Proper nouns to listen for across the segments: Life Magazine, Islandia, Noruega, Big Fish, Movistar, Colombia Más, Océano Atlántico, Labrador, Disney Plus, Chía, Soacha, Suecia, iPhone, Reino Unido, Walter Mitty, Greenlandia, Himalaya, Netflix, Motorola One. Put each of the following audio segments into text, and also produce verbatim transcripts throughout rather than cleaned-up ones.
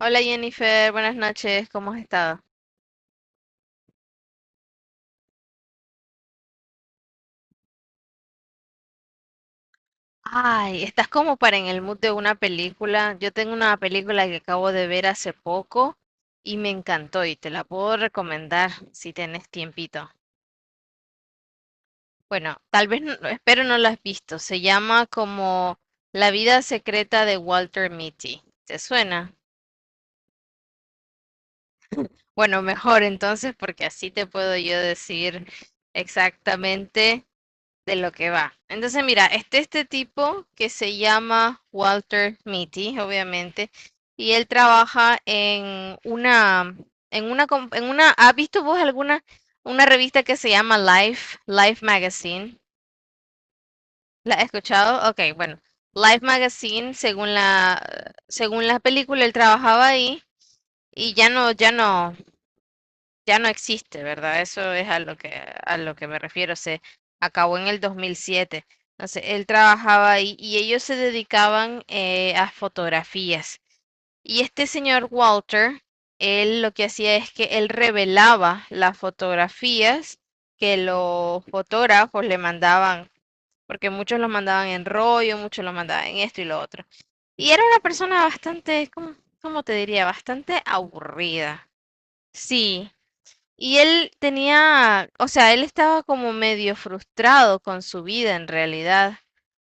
Hola Jennifer, buenas noches, ¿cómo has estado? Ay, estás como para en el mood de una película. Yo tengo una película que acabo de ver hace poco y me encantó y te la puedo recomendar si tenés tiempito. Bueno, tal vez, no- espero no la has visto. Se llama como La vida secreta de Walter Mitty. ¿Te suena? Bueno, mejor entonces porque así te puedo yo decir exactamente de lo que va. Entonces, mira, este este tipo que se llama Walter Mitty, obviamente, y él trabaja en una, en una, en una, ¿has visto vos alguna, una revista que se llama Life, Life Magazine? ¿La has escuchado? Ok, bueno, Life Magazine, según la, según la película, él trabajaba ahí y ya no, ya no, ya no existe, ¿verdad? Eso es a lo que, a lo que me refiero. Se acabó en el dos mil siete. Entonces, él trabajaba ahí y ellos se dedicaban eh, a fotografías. Y este señor Walter, él lo que hacía es que él revelaba las fotografías que los fotógrafos le mandaban, porque muchos los mandaban en rollo, muchos los mandaban en esto y lo otro. Y era una persona bastante, ¿cómo, ¿cómo te diría? Bastante aburrida. Sí, y él tenía, o sea, él estaba como medio frustrado con su vida en realidad,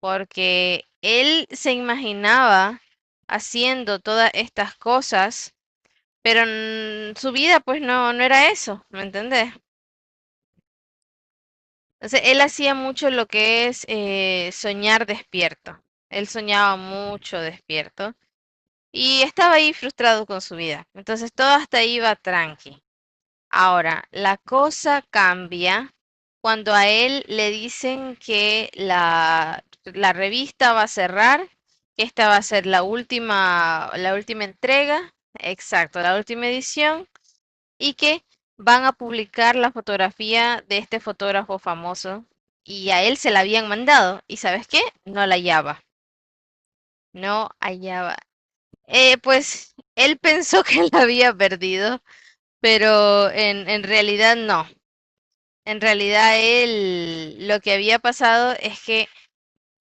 porque él se imaginaba haciendo todas estas cosas, pero en su vida pues no, no era eso, ¿me entendés? Entonces, él hacía mucho lo que es eh, soñar despierto. Él soñaba mucho despierto y estaba ahí frustrado con su vida. Entonces todo hasta ahí iba tranqui. Ahora, la cosa cambia cuando a él le dicen que la, la revista va a cerrar, que esta va a ser la última, la última entrega, exacto, la última edición, y que van a publicar la fotografía de este fotógrafo famoso. Y a él se la habían mandado. ¿Y sabes qué? No la hallaba. No hallaba. Eh, pues él pensó que la había perdido, pero en, en realidad no. En realidad él, lo que había pasado es que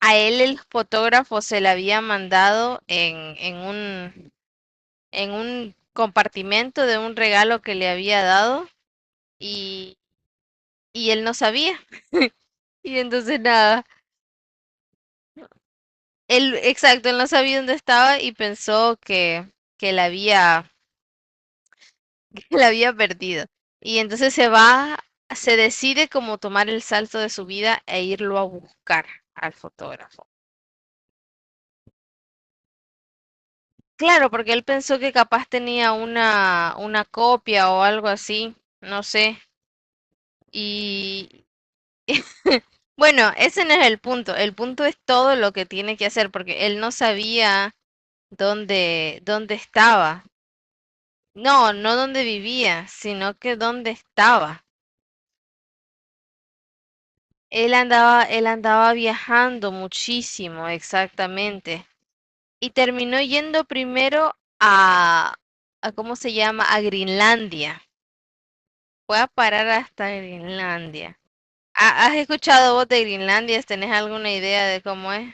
a él el fotógrafo se le había mandado en, en un, en un compartimento de un regalo que le había dado y, y él no sabía. Y entonces nada, él, exacto, él no sabía dónde estaba y pensó que, que la había, que la había perdido. Y entonces se va, se decide como tomar el salto de su vida e irlo a buscar al fotógrafo. Claro, porque él pensó que capaz tenía una, una copia o algo así, no sé. Y bueno, ese no es el punto. El punto es todo lo que tiene que hacer, porque él no sabía dónde, dónde estaba. No, no dónde vivía, sino que dónde estaba. Él andaba, él andaba viajando muchísimo, exactamente. Y terminó yendo primero a, a ¿cómo se llama? A Greenlandia. Fue a parar hasta Greenlandia. ¿Ha- ¿Has escuchado vos de Groenlandia? ¿Tenés alguna idea de cómo es?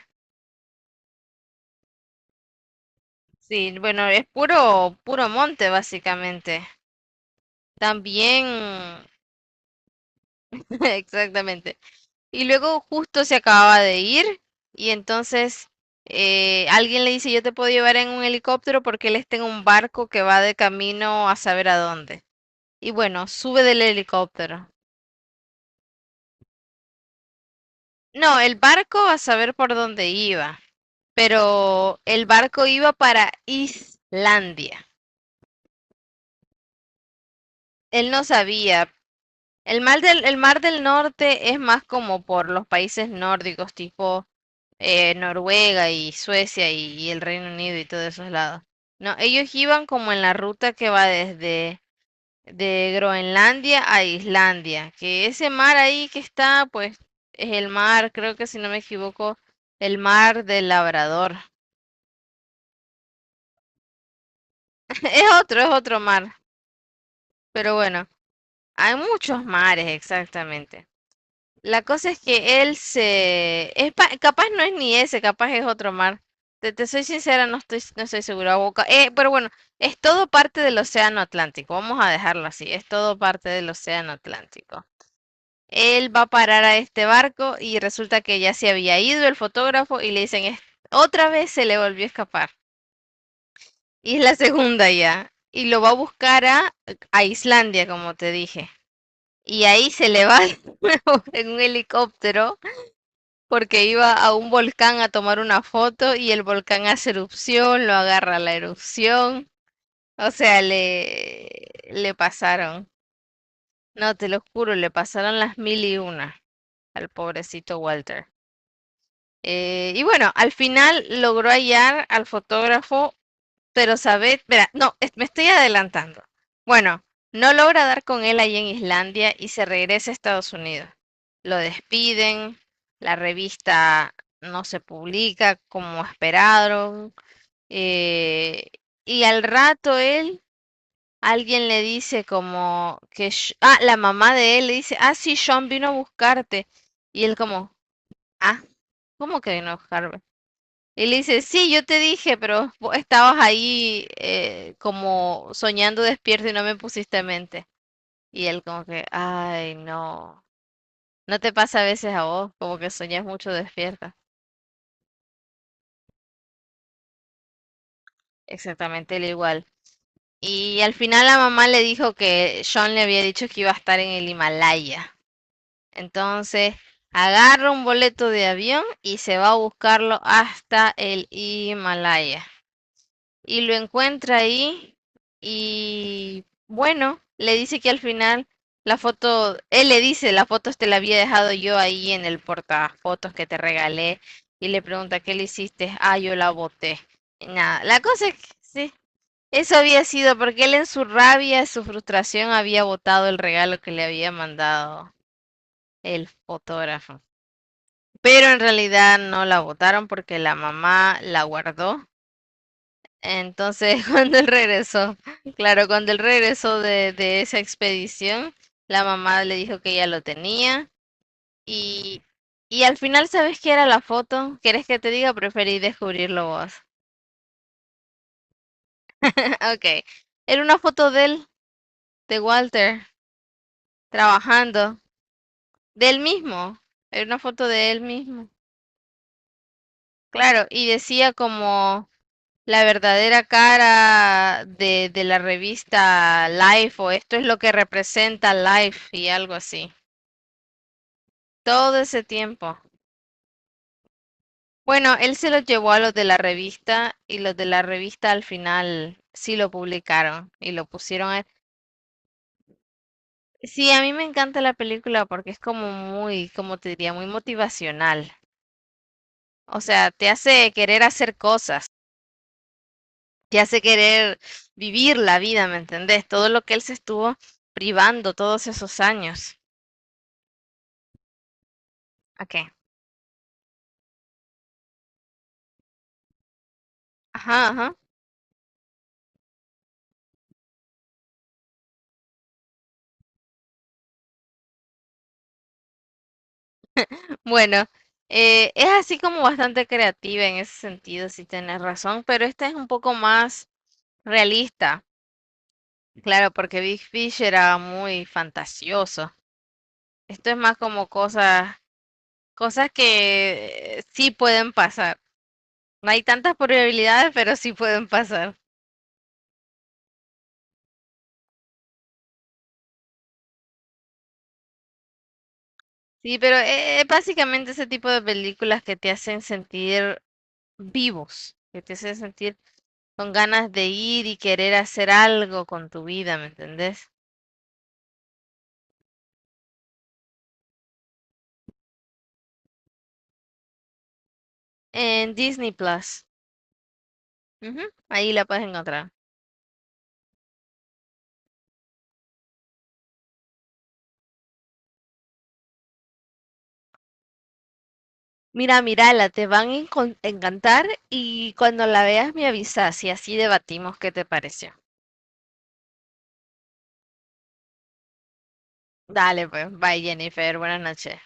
Sí, bueno, es puro, puro monte, básicamente. También, exactamente. Y luego justo se acababa de ir y entonces eh, alguien le dice, yo te puedo llevar en un helicóptero porque él está en un barco que va de camino a saber a dónde. Y bueno, sube del helicóptero. No, el barco a saber por dónde iba, pero el barco iba para Islandia. Él no sabía. El mar del, el mar del norte es más como por los países nórdicos, tipo eh, Noruega y Suecia y, y el Reino Unido y todos esos lados. No, ellos iban como en la ruta que va desde de Groenlandia a Islandia, que ese mar ahí que está, pues es el mar, creo que si no me equivoco, el mar del Labrador. Es otro, es otro mar, pero bueno, hay muchos mares exactamente. La cosa es que él se... Es pa- Capaz no es ni ese, capaz es otro mar. Te, te soy sincera, no estoy, no estoy segura. O ca- eh, pero bueno, es todo parte del Océano Atlántico. Vamos a dejarlo así. Es todo parte del Océano Atlántico. Él va a parar a este barco y resulta que ya se había ido el fotógrafo y le dicen, "Es- otra vez se le volvió a escapar. Y es la segunda ya. Y lo va a buscar a, a Islandia, como te dije. Y ahí se le va de nuevo en un helicóptero porque iba a un volcán a tomar una foto y el volcán hace erupción, lo agarra la erupción. O sea, le, le pasaron, no te lo juro, le pasaron las mil y una al pobrecito Walter. Eh, y bueno, al final logró hallar al fotógrafo pero Sabet, verá, no, es- me estoy adelantando. Bueno, no logra dar con él allí en Islandia y se regresa a Estados Unidos. Lo despiden, la revista no se publica como esperaron, eh, y al rato él, alguien le dice como que, Sh- ah, la mamá de él le dice, ah, sí, Sean vino a buscarte, y él como, ah, ¿cómo que vino a buscarme? Y le dice, sí, yo te dije, pero vos estabas ahí eh, como soñando despierto y no me pusiste en mente. Y él como que, ay, no, no te pasa a veces a vos, como que soñás mucho despierta. Exactamente, él igual. Y al final la mamá le dijo que Sean le había dicho que iba a estar en el Himalaya. Entonces, agarra un boleto de avión y se va a buscarlo hasta el Himalaya. Y lo encuentra ahí y bueno, le dice que al final la foto, él le dice, la foto te la había dejado yo ahí en el portafotos que te regalé y le pregunta, ¿qué le hiciste? Ah, yo la boté. Y nada, la cosa es que sí, eso había sido porque él en su rabia, su frustración había botado el regalo que le había mandado el fotógrafo. Pero en realidad no la botaron porque la mamá la guardó entonces, cuando él regresó, claro, cuando él regresó de, de esa expedición, la mamá le dijo que ya lo tenía y, y al final, ¿sabes qué era la foto? ¿Querés que te diga? Preferí descubrirlo vos. Ok, era una foto de él, de Walter, trabajando, de él mismo, era una foto de él mismo, claro, y decía como la verdadera cara de, de la revista Life o esto es lo que representa Life y algo así. Todo ese tiempo. Bueno, él se los llevó a los de la revista y los de la revista al final sí lo publicaron y lo pusieron a... Sí, a mí me encanta la película porque es como muy, como te diría, muy motivacional. O sea, te hace querer hacer cosas, te hace querer vivir la vida, ¿me entendés? Todo lo que él se estuvo privando todos esos años. Ok. Ajá, ajá. Bueno, eh, es así como bastante creativa en ese sentido, si tenés razón, pero esta es un poco más realista, claro, porque Big Fish era muy fantasioso. Esto es más como cosas, cosas que eh, sí pueden pasar. No hay tantas probabilidades, pero sí pueden pasar. Sí, pero eh, es básicamente ese tipo de películas que te hacen sentir vivos, que te hacen sentir con ganas de ir y querer hacer algo con tu vida, ¿me entendés? En Disney Plus. Ujú, ahí la puedes encontrar. Mira, mírala, te van a encon- encantar y cuando la veas me avisas y así debatimos qué te pareció. Dale, pues, bye Jennifer, buenas noches.